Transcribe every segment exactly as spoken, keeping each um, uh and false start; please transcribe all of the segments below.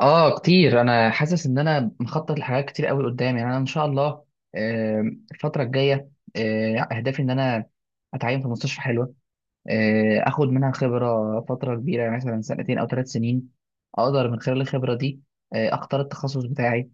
اه، كتير. انا حاسس ان انا مخطط لحاجات كتير قوي قدامي، يعني انا ان شاء الله آه، الفتره الجايه. آه، اهدافي ان انا اتعين في مستشفى حلوه، آه، اخد منها خبره فتره كبيره، يعني مثلا سنتين او ثلاث سنين. اقدر من خلال الخبره دي آه، اختار التخصص بتاعي،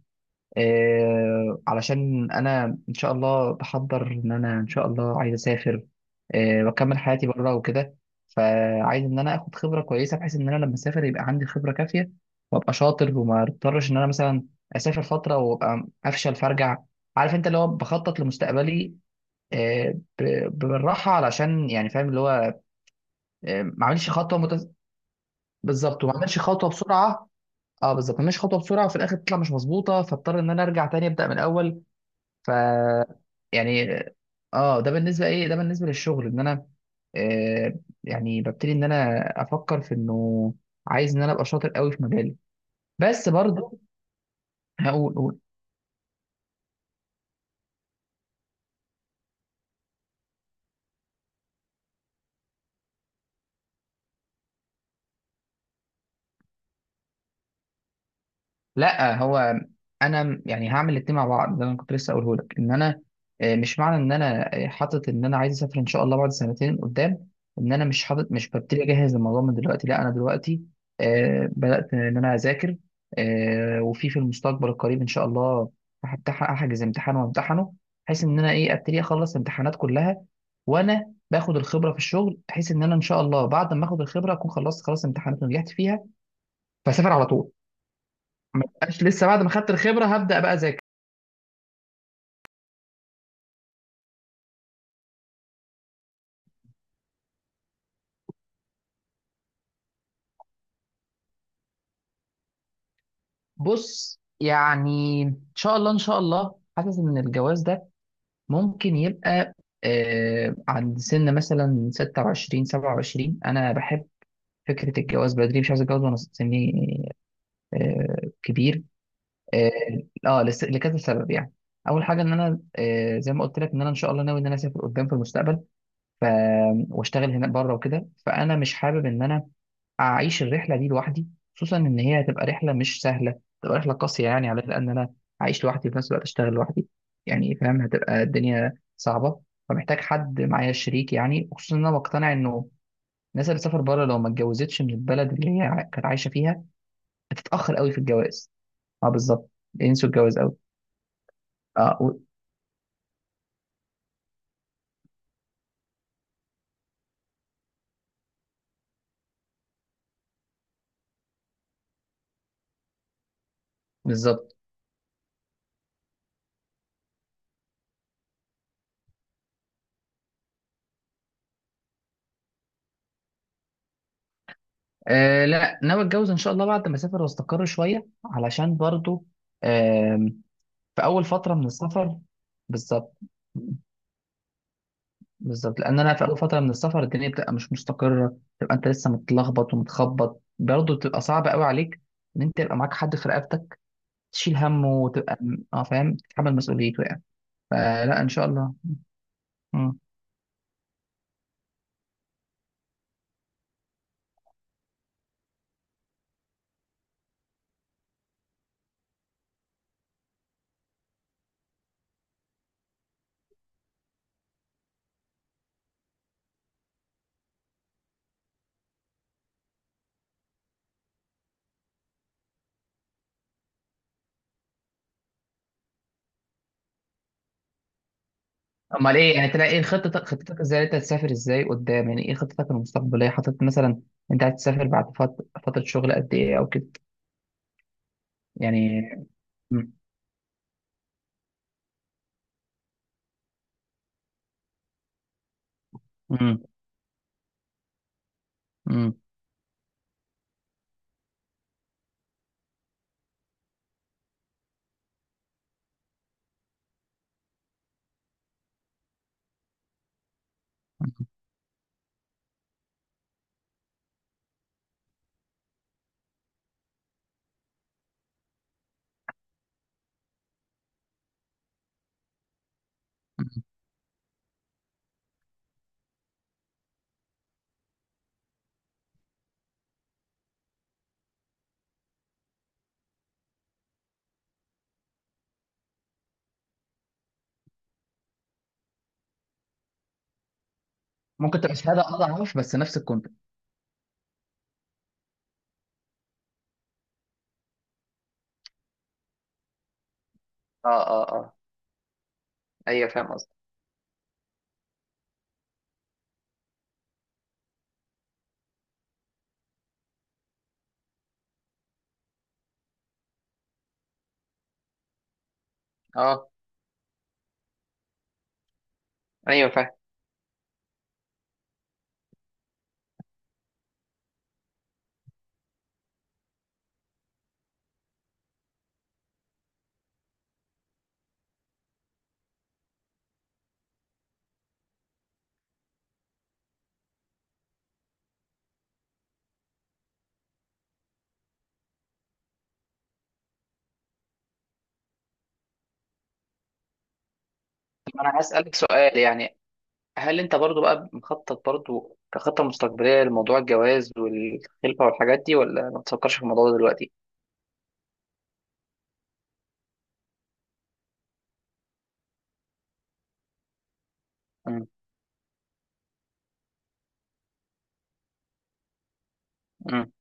آه، علشان انا ان شاء الله بحضر ان انا ان شاء الله عايز اسافر آه، واكمل حياتي بره وكده. فعايز ان انا اخد خبره كويسه، بحيث ان انا لما اسافر يبقى عندي خبره كافيه وابقى شاطر، وما اضطرش ان انا مثلا اسافر فتره وابقى افشل فارجع. عارف انت، اللي هو بخطط لمستقبلي، آه، ب- بالراحه، علشان يعني فاهم اللي هو آه، ما اعملش خطوه متز... بالظبط، وما اعملش خطوه بسرعه. اه بالظبط، ما اعملش خطوه بسرعه وفي الاخر تطلع مش مظبوطه فاضطر ان انا ارجع تاني ابدا من الاول. ف يعني، اه ده بالنسبه، ايه ده بالنسبه للشغل. ان انا آه يعني ببتدي ان انا افكر في انه عايز ان انا ابقى شاطر قوي في مجالي، بس برضه هقول. قول. لا هو انا يعني هعمل الاتنين مع بعض. ده اللي انا كنت لسه اقوله لك، ان انا آه، مش معنى ان انا آه، حاطط ان انا عايز اسافر ان شاء الله بعد سنتين قدام ان انا مش حاطط، مش ببتدي اجهز الموضوع من دلوقتي. لا، انا دلوقتي آه، بدات ان انا اذاكر، آه، وفي في المستقبل القريب ان شاء الله هفتح- هحجز امتحان وامتحنه، بحيث ان انا ايه ابتدي اخلص الامتحانات كلها وانا باخد الخبره في الشغل، بحيث ان انا ان شاء الله بعد ما اخد الخبره اكون خلصت خلاص امتحانات ونجحت فيها فاسافر على طول. ما بقاش لسه بعد ما خدت الخبره هبدا بقى اذاكر. بص، يعني ان شاء الله ان شاء الله حاسس ان الجواز ده ممكن يبقى آه عند سن مثلا ستة وعشرين سبعة وعشرين. انا بحب فكره الجواز بدري، مش عايز اتجوز وانا سني آه كبير. اه، آه، لس- لكذا سبب يعني. اول حاجه ان انا آه زي ما قلت لك، ان انا ان شاء الله ناوي ان انا اسافر قدام في المستقبل ف واشتغل هناك بره وكده. فانا مش حابب ان انا اعيش الرحله دي لوحدي، خصوصا ان هي هتبقى رحله مش سهله، تبقى رحله قاسيه يعني على، لان انا عايش لوحدي في نفس الوقت اشتغل لوحدي، يعني فاهم هتبقى الدنيا صعبه. فمحتاج حد معايا شريك، يعني خصوصا ان انا مقتنع انه الناس اللي سافر بره لو ما اتجوزتش من البلد اللي هي ع- كانت عايشه فيها هتتاخر قوي في الجواز. اه بالظبط، بينسوا الجواز قوي. اه و- بالظبط. آه لا، ناوي اتجوز ان شاء الله بعد ما اسافر واستقر شويه، علشان برضو آم، في اول فتره من السفر. بالظبط، بالظبط. لان انا في اول فتره من السفر الدنيا بتبقى مش مستقره، تبقى انت لسه متلخبط ومتخبط، برضه بتبقى صعبه قوي عليك ان انت يبقى معاك حد في رقبتك تشيل همه وتبقى. اه فاهم، تتحمل مسؤوليته يعني. فلا ان شاء الله. مم. امال ايه يعني؟ تلاقي ايه خطتك؟ خطتك ازاي؟ انت هتسافر ازاي قدام؟ يعني ايه خطتك المستقبليه؟ حاطط مثلا انت هتسافر بعد فت- فتره شغل قد ايه او كده يعني؟ مم. مم. مم. مم. ممكن تبقى شهاده اضعف، بس نفس الكونت. اه اه اه، ايوه فاهم قصدك. اه، ايوه فاهم. انا هسألك سؤال، يعني هل انت برضو بقى مخطط برضو كخطة مستقبلية لموضوع الجواز والخلفة والحاجات دي، ولا ما تفكرش في الموضوع ده دلوقتي؟ مم. مم.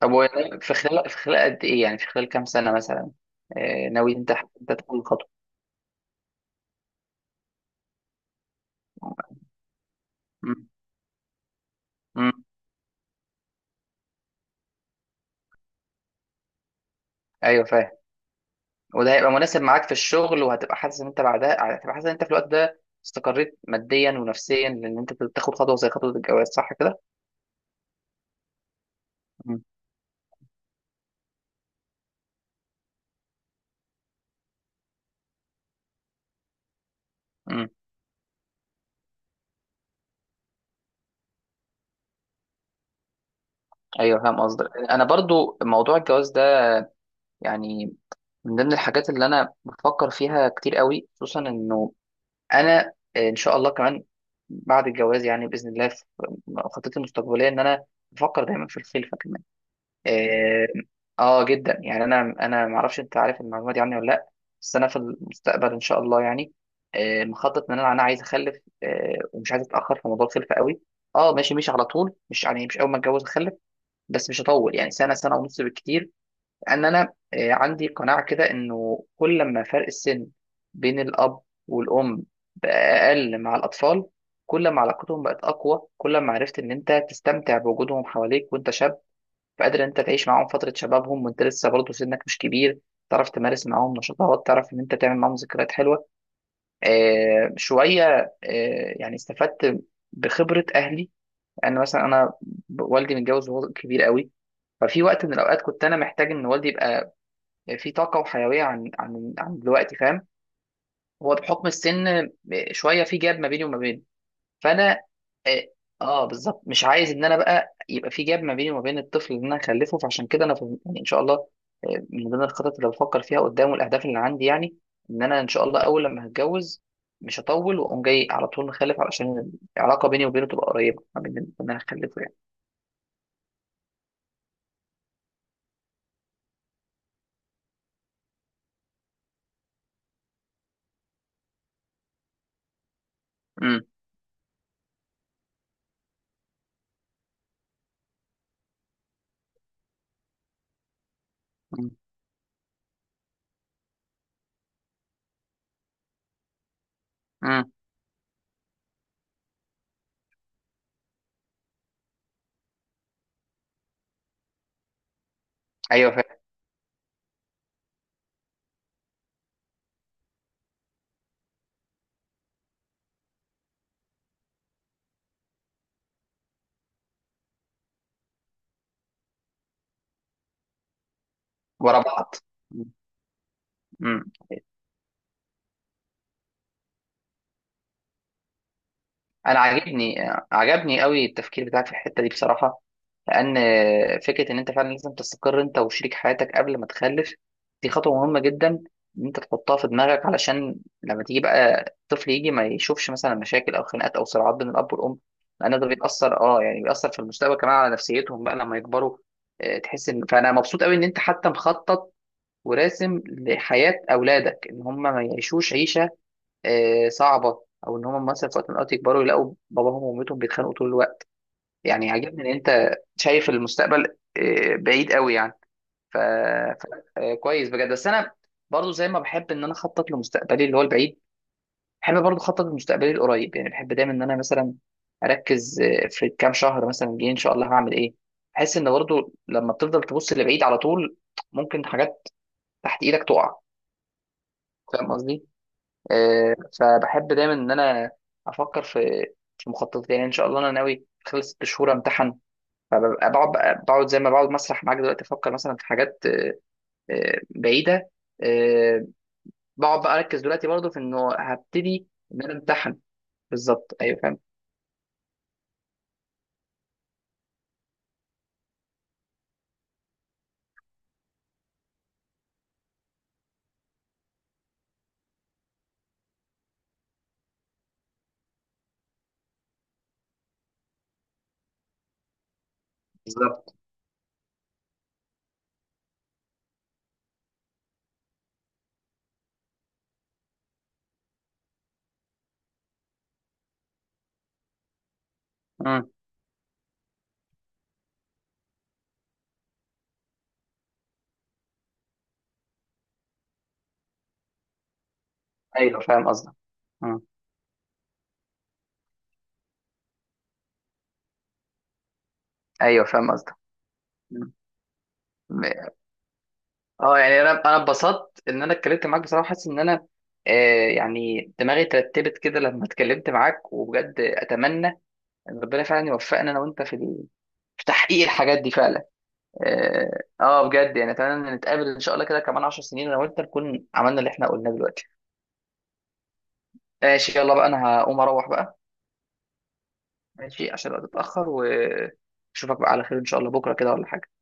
طب هو يعني في خلال، في خلال قد ايه؟ يعني في خلال كام سنة مثلا آه، ناوي انت، انت تاخد الخطوة؟ مم. مم. ايوه فاهم. وده هيبقى مناسب معاك في الشغل، وهتبقى حاسس ان انت بعدها هتبقى حاسس ان انت في الوقت ده استقريت ماديا ونفسيا لان انت تاخد خطوة زي خطوة الجواز، صح كده؟ مم. مم. ايوه فاهم قصدك. انا برضو موضوع الجواز يعني من ضمن الحاجات اللي انا بفكر فيها كتير قوي، خصوصا انه انا آه، ان شاء الله كمان بعد الجواز يعني باذن الله في خطتي المستقبليه ان انا بفكر دايما في الخلفه كمان. اه، آه جدا يعني. انا انا ما اعرفش انت عارف المعلومه دي عني ولا لا، بس انا في المستقبل ان شاء الله يعني آه مخطط ان انا، انا عايز اخلف آه ومش عايز اتاخر في موضوع الخلفه قوي. اه ماشي، مش على طول، مش يعني مش اول ما اتجوز اخلف، بس مش هطول، يعني سنه، سنه ونص بالكتير. ان انا آه، عندي قناعه كده انه كل ما فرق السن بين الاب والام بقى اقل مع الاطفال، كل ما علاقتهم بقت اقوى، كل ما عرفت ان انت تستمتع بوجودهم حواليك وانت شاب، فقادر ان انت تعيش معاهم فتره شبابهم وانت لسه برضه سنك مش كبير، تعرف تمارس معاهم نشاطات، تعرف ان انت تعمل معاهم ذكريات حلوه. آه شويه آه يعني استفدت بخبره اهلي. انا مثلا، انا والدي متجوز وهو كبير قوي. ففي وقت من الاوقات كنت انا محتاج ان والدي يبقى في طاقه وحيويه عن عن عن دلوقتي، فاهم. هو بحكم السن شويه في جاب ما بيني وما بينه، فانا اه آه، بالظبط مش عايز ان انا بقى يبقى في جاب ما بيني وما بين الطفل اللي انا هخلفه. فعشان كده انا في- يعني ان شاء الله آه، من ضمن الخطط اللي بفكر فيها قدام والاهداف اللي عندي، يعني ان انا ان شاء الله اول لما هتجوز مش هطول واقوم جاي على طول مخلف، علشان العلاقه بيني وبينه تبقى قريبه ما بين ان انا اخلفه يعني. امم. امم. أمم. ايوه فاهم. ورا بعض. امم. انا عاجبني، عجبني قوي التفكير بتاعك في الحته دي بصراحه، لان فكره ان انت فعلا لازم تستقر انت وشريك حياتك قبل ما تخلف دي خطوه مهمه جدا ان انت تحطها في دماغك، علشان لما تيجي بقى الطفل يجي ما يشوفش مثلا مشاكل او خناقات او صراعات بين الاب والام، لان ده بيأثر، اه يعني بيأثر في المستقبل كمان على نفسيتهم بقى لما يكبروا. آه، تحس ان، فانا مبسوط قوي ان انت حتى مخطط وراسم لحياه اولادك ان هم ما يعيشوش عيشه آه، صعبه، او ان هم مثلا في وقت من الاوقات يكبروا يلاقوا باباهم ومامتهم بيتخانقوا طول الوقت. يعني عاجبني ان انت شايف المستقبل آه، بعيد قوي يعني. ف... ف... آه، كويس بجد. بس انا برضو زي ما بحب ان انا اخطط لمستقبلي اللي هو البعيد، بحب برضو اخطط لمستقبلي القريب. يعني بحب دايما ان انا مثلا اركز آه، في كام شهر مثلا جاي ان شاء الله هعمل ايه. بحس ان برضو لما بتفضل تبص لبعيد على طول ممكن حاجات تحت ايدك تقع، فاهم قصدي. آه، فبحب دايما ان انا افكر في، في مخططات، يعني ان شاء الله انا ناوي خلال ست شهور امتحن. فببقى بقعد بقى، بقعد زي ما بقعد مسرح معاك دلوقتي افكر مثلا في حاجات آه، بعيده. آه، بقعد بقى اركز دلوقتي برضه في انه هبتدي ان انا امتحن. بالظبط، ايوه فاهم. بالظبط. مم. ايوه فاهم قصدك. مم. ايوه فاهم قصدك. مم. اه يعني انا انا اتبسطت ان انا اتكلمت معاك بصراحه. حاسس ان انا آه، يعني دماغي ترتبت كده لما اتكلمت معاك، وبجد اتمنى يعني ربنا فعلا يوفقنا انا وانت في ال- في تحقيق الحاجات دي فعلا. اه آه، بجد يعني اتمنى ان نتقابل ان شاء الله كده كمان عشر سنين انا وانت نكون عملنا اللي احنا قلناه دلوقتي. ماشي، يلا بقى انا هقوم اروح بقى. ماشي، عشان الوقت اتاخر، واشوفك بقى على خير ان شاء الله بكره كده ولا حاجه.